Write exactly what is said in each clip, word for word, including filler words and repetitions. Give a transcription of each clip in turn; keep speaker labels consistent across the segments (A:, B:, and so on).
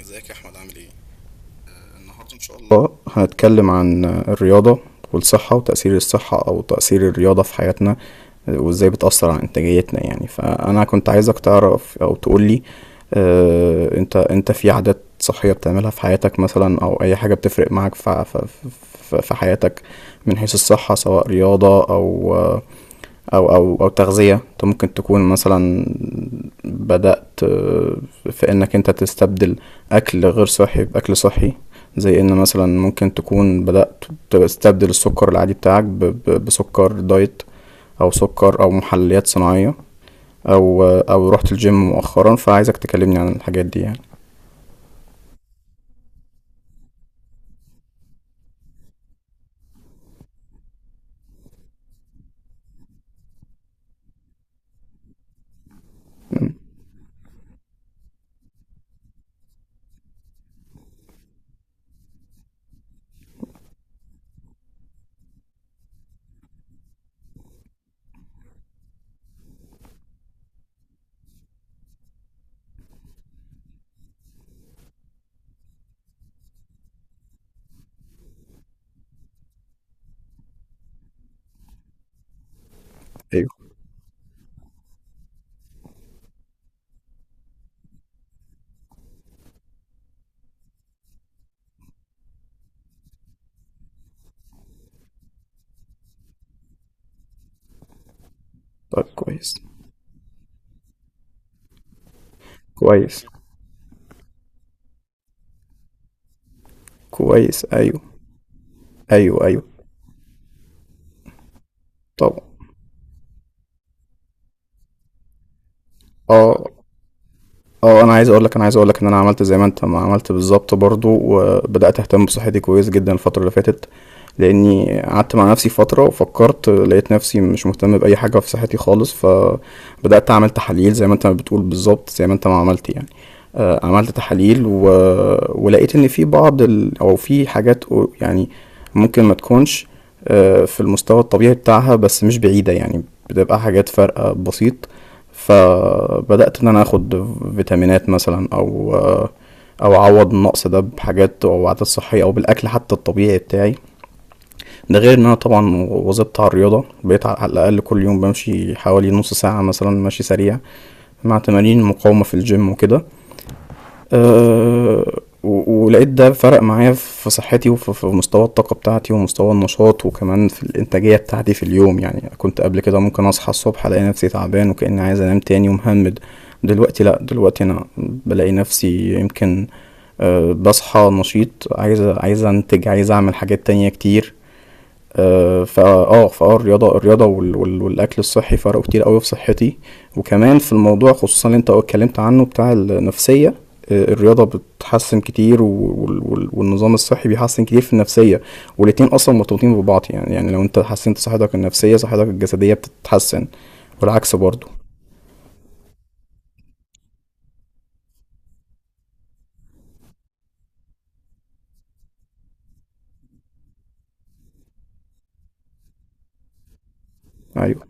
A: ازيك يا احمد، عامل ايه؟ النهاردة إن شاء الله هنتكلم عن الرياضة والصحة، وتأثير الصحة أو تأثير الرياضة في حياتنا، وإزاي بتأثر على إنتاجيتنا يعني. فأنا كنت عايزك تعرف أو تقولي، آه، أنت أنت في عادات صحية بتعملها في حياتك مثلا، أو أي حاجة بتفرق معاك في ع- في في في حياتك، من حيث الصحة، سواء رياضة أو آه، او او او تغذية. انت ممكن تكون مثلا بدأت، آه، في انك انت تستبدل اكل غير صحي باكل صحي، زي ان مثلا ممكن تكون بدأت تستبدل السكر العادي بتاعك ب- ب- بسكر دايت، او سكر او محليات صناعية، او او رحت الجيم مؤخرا، فعايزك تكلمني عن الحاجات دي يعني. ايوه. طيب، كويس. كويس. كويس، ايوه. ايوه، ايوه. طب. اه. اه، انا عايز اقول لك انا عايز اقول لك ان انا عملت زي ما انت ما عملت بالظبط برضو، وبدأت اهتم بصحتي كويس جدا الفترة اللي فاتت، لاني قعدت مع نفسي فترة وفكرت، لقيت نفسي مش مهتم بأي حاجة في صحتي خالص. ف بدأت أعمل تحاليل زي ما أنت بتقول بالظبط، زي ما أنت ما عملت يعني. آه، عملت تحاليل و... ولقيت إن في بعض ال... أو في حاجات أو- يعني ممكن ما تكونش، آه، في المستوى الطبيعي بتاعها، بس مش بعيدة يعني، بتبقى حاجات فرق بسيط. فبدأت إن أنا آخد فيتامينات مثلا، أو آه، أو أعوض النقص ده بحاجات أو عادات صحية، أو بالأكل حتى الطبيعي بتاعي. ده غير ان انا طبعا واظبط على الرياضه، بقيت على الاقل كل يوم بمشي حوالي نص ساعه مثلا، ماشي سريع، مع تمارين المقاومة في الجيم وكده. أه و- ولقيت ده فرق معايا في صحتي، وفي في مستوى الطاقة بتاعتي، ومستوى النشاط، وكمان في الإنتاجية بتاعتي في اليوم. يعني كنت قبل كده ممكن أصحى الصبح ألاقي نفسي تعبان وكأني عايز أنام تاني ومهمد. دلوقتي لأ، دلوقتي أنا بلاقي نفسي يمكن أه بصحى نشيط، عايز عايز أنتج، عايز أعمل حاجات تانية كتير. آه، فا اه فاه الرياضه الرياضه وال- وال- والاكل الصحي فرقوا كتير قوي في صحتي، وكمان في الموضوع خصوصا اللي انت اتكلمت عنه بتاع النفسيه. آه، الرياضه بتحسن كتير، و- وال- وال- والنظام الصحي بيحسن كتير في النفسيه. والاتنين اصلا مرتبطين ببعض، يعني يعني لو انت حسنت صحتك النفسيه صحتك الجسديه بتتحسن، والعكس برضو. ايوه،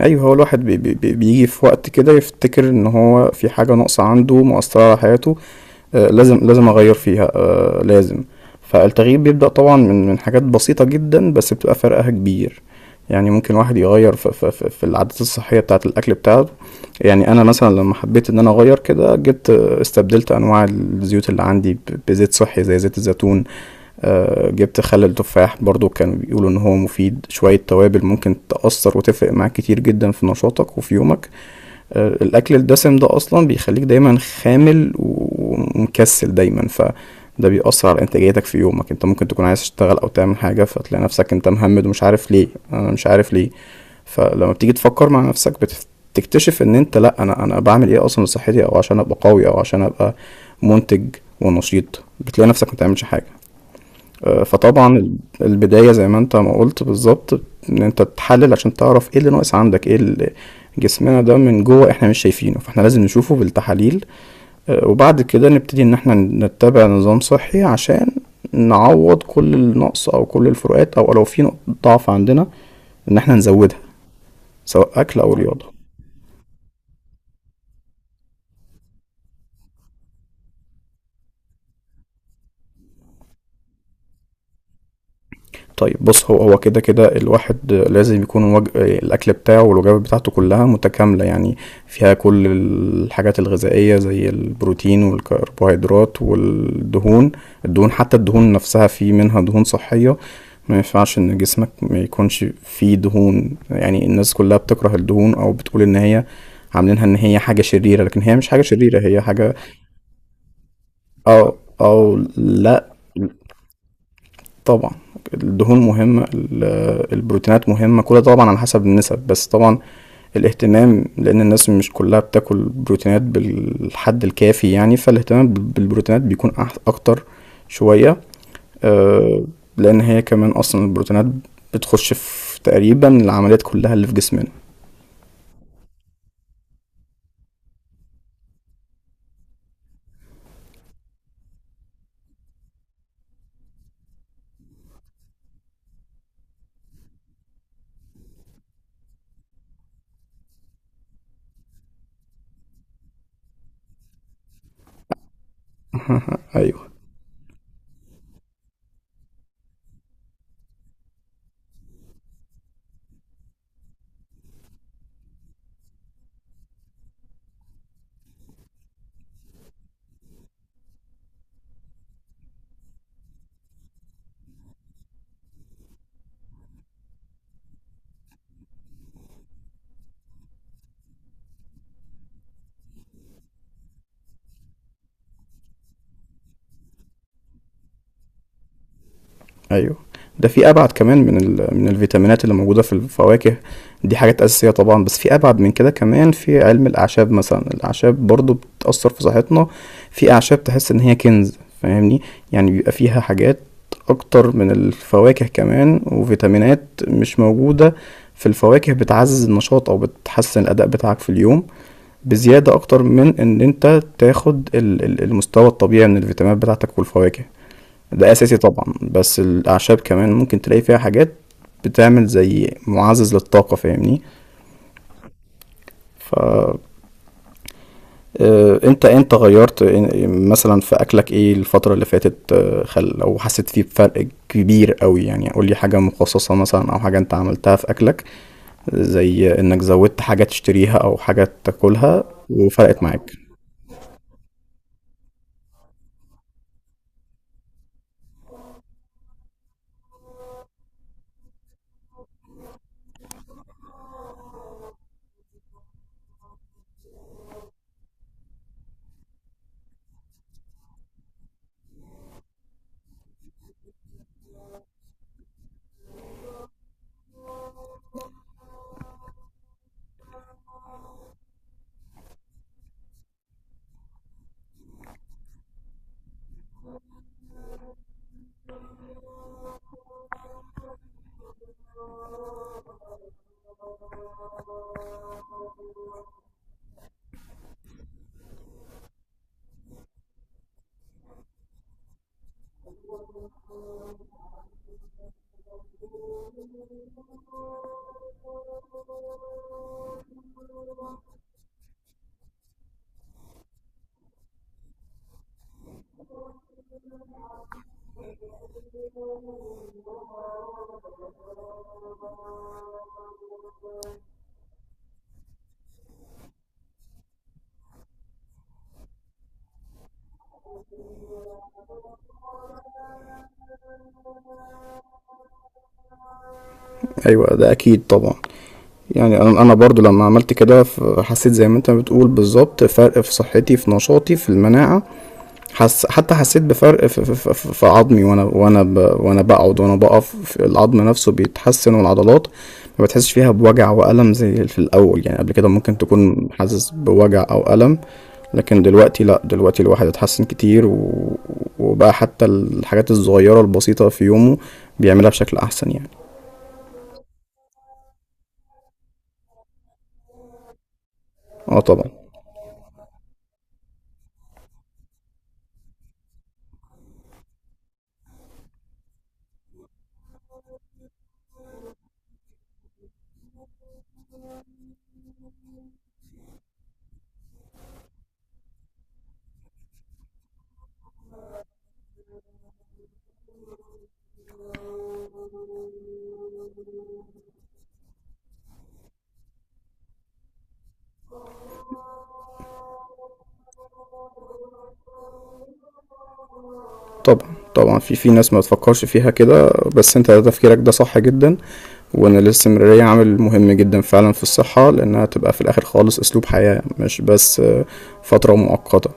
A: ايوه. هو الواحد بي بي بي- بيجي في وقت كده يفتكر ان هو في حاجه ناقصه عنده مؤثره على حياته، آه، لازم لازم اغير فيها، آه، لازم. فالتغيير بيبدأ طبعا من من حاجات بسيطة جدا، بس بتبقى فرقها كبير. يعني ممكن واحد يغير في, في, في, في العادات الصحية بتاعة الأكل بتاعته. يعني أنا مثلا لما حبيت إن أنا أغير كده جبت آه، استبدلت أنواع الزيوت اللي عندي ب- بزيت صحي، زي زيت الزيتون. آه، جبت خل التفاح برضو، كانوا بيقولوا إن هو مفيد. شوية توابل ممكن تأثر وتفرق معاك كتير جدا في نشاطك وفي يومك. آه، الاكل الدسم ده اصلا بيخليك دايما خامل ومكسل دايما، فده بيأثر على انتاجيتك في يومك. انت ممكن تكون عايز تشتغل او تعمل حاجة فتلاقي نفسك انت مهمد ومش عارف ليه، انا مش عارف ليه. فلما بتيجي تفكر مع نفسك، بتكتشف ان انت، لا، انا انا بعمل ايه اصلا لصحتي، او عشان ابقى قوي، او عشان ابقى منتج ونشيط؟ بتلاقي نفسك ما بتعملش حاجة. آه، فطبعا ال- البداية زي ما انت ما قلت بالظبط، ان انت تحلل عشان تعرف ايه اللي ناقص عندك. ايه اللي جسمنا ده من جوه احنا مش شايفينه، فاحنا لازم نشوفه بالتحاليل. آه، وبعد كده نبتدي ان احنا نتبع نظام صحي، عشان نعوض كل النقص او كل الفروقات، او لو في نقطة ضعف عندنا ان احنا نزودها، سواء اكل او رياضة. طيب بص، هو هو كده كده الواحد لازم يكون وج... الأكل بتاعه والوجبات بتاعته كلها متكاملة يعني، فيها كل الحاجات الغذائية، زي البروتين والكربوهيدرات والدهون. الدهون، حتى الدهون نفسها، في منها دهون صحية. ما ينفعش إن جسمك ما يكونش فيه دهون، يعني الناس كلها بتكره الدهون أو بتقول إن هي عاملينها إن هي حاجة شريرة، لكن هي مش حاجة شريرة، هي حاجة. أو أو لأ. طبعا الدهون مهمة، ال- البروتينات مهمة، كل ده طبعا على حسب النسب، بس طبعا الاهتمام، لأن الناس مش كلها بتاكل بروتينات بالحد الكافي يعني، فالاهتمام بال- بالبروتينات بيكون أح- أكتر شوية. آه، لأن هي كمان أصلا البروتينات بتخش في تقريبا العمليات كلها اللي في جسمنا. أيوه، ايوه. ده في ابعد كمان، من ال... من الفيتامينات اللي موجوده في الفواكه. دي حاجات اساسيه طبعا، بس في ابعد من كده كمان، في علم الاعشاب مثلا. الاعشاب برضو بتاثر في صحتنا، في اعشاب تحس ان هي كنز، فاهمني؟ يعني بيبقى فيها حاجات اكتر من الفواكه كمان، وفيتامينات مش موجوده في الفواكه، بتعزز النشاط او بتحسن الاداء بتاعك في اليوم، بزياده اكتر من ان انت تاخد ال- ال- المستوى الطبيعي من الفيتامينات بتاعتك والفواكه. ده اساسي طبعا، بس الاعشاب كمان ممكن تلاقي فيها حاجات بتعمل زي معزز للطاقة، فاهمني؟ ف آه، انت انت غيرت، إن- مثلا في اكلك ايه الفترة اللي فاتت؟ آه، خل لو حسيت فيه بفرق كبير قوي، يعني قول لي حاجة مخصصة مثلا، او حاجة انت عملتها في اكلك، زي انك زودت حاجة تشتريها او حاجة تاكلها وفرقت معاك. ايوه، ده اكيد طبعا. يعني انا انا برضو لما عملت كده ف- حسيت زي ما انت بتقول بالظبط فرق في صحتي، في نشاطي، في المناعة. حس حتى حسيت بفرق في, في, في, في عظمي، وانا وانا ب... وانا بقعد وانا بقف، في العظم نفسه بيتحسن، والعضلات ما بتحسش فيها بوجع وألم زي في الأول، يعني قبل كده ممكن تكون حاسس بوجع أو ألم، لكن دلوقتي لا، دلوقتي الواحد اتحسن كتير و... وبقى حتى الحاجات الصغيرة البسيطة في يومه بيعملها بشكل أحسن يعني. اه، طبعا. طبعا، طبعا، في في ناس ما بتفكرش فيها كده، بس انت تفكيرك ده صح جدا. وان الاستمرارية عامل مهم جدا فعلا في الصحة، لانها تبقى في الاخر خالص اسلوب حياة، مش بس آه، فترة مؤقتة.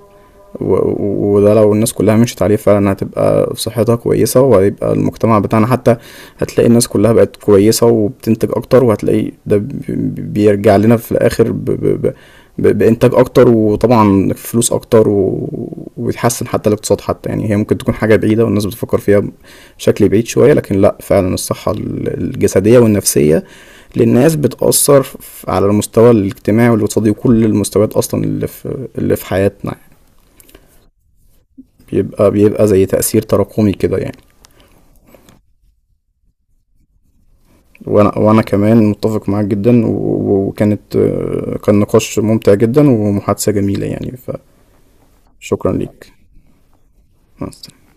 A: و- و- وده لو الناس كلها مشيت عليه فعلا، هتبقى صحتها كويسة، وهيبقى المجتمع بتاعنا حتى هتلاقي الناس كلها بقت كويسة وبتنتج أكتر، وهتلاقي ده بي- بيرجع لنا في الآخر ب ب ب ب- بإنتاج أكتر، وطبعا فلوس أكتر و... وبيتحسن حتى الاقتصاد حتى، يعني هي ممكن تكون حاجة بعيدة والناس بتفكر فيها بشكل بعيد شوية، لكن لأ، فعلا الصحة ال- الجسدية والنفسية للناس بتأثر ف- على المستوى الاجتماعي والاقتصادي وكل المستويات أصلا اللي في اللي في حياتنا. بيبقى بيبقى زي تأثير تراكمي كده يعني. وانا وانا كمان متفق معاك جدا، و- و- وكانت آه، كان نقاش ممتع جدا ومحادثة جميلة يعني. فشكرا ليك. مع السلامة.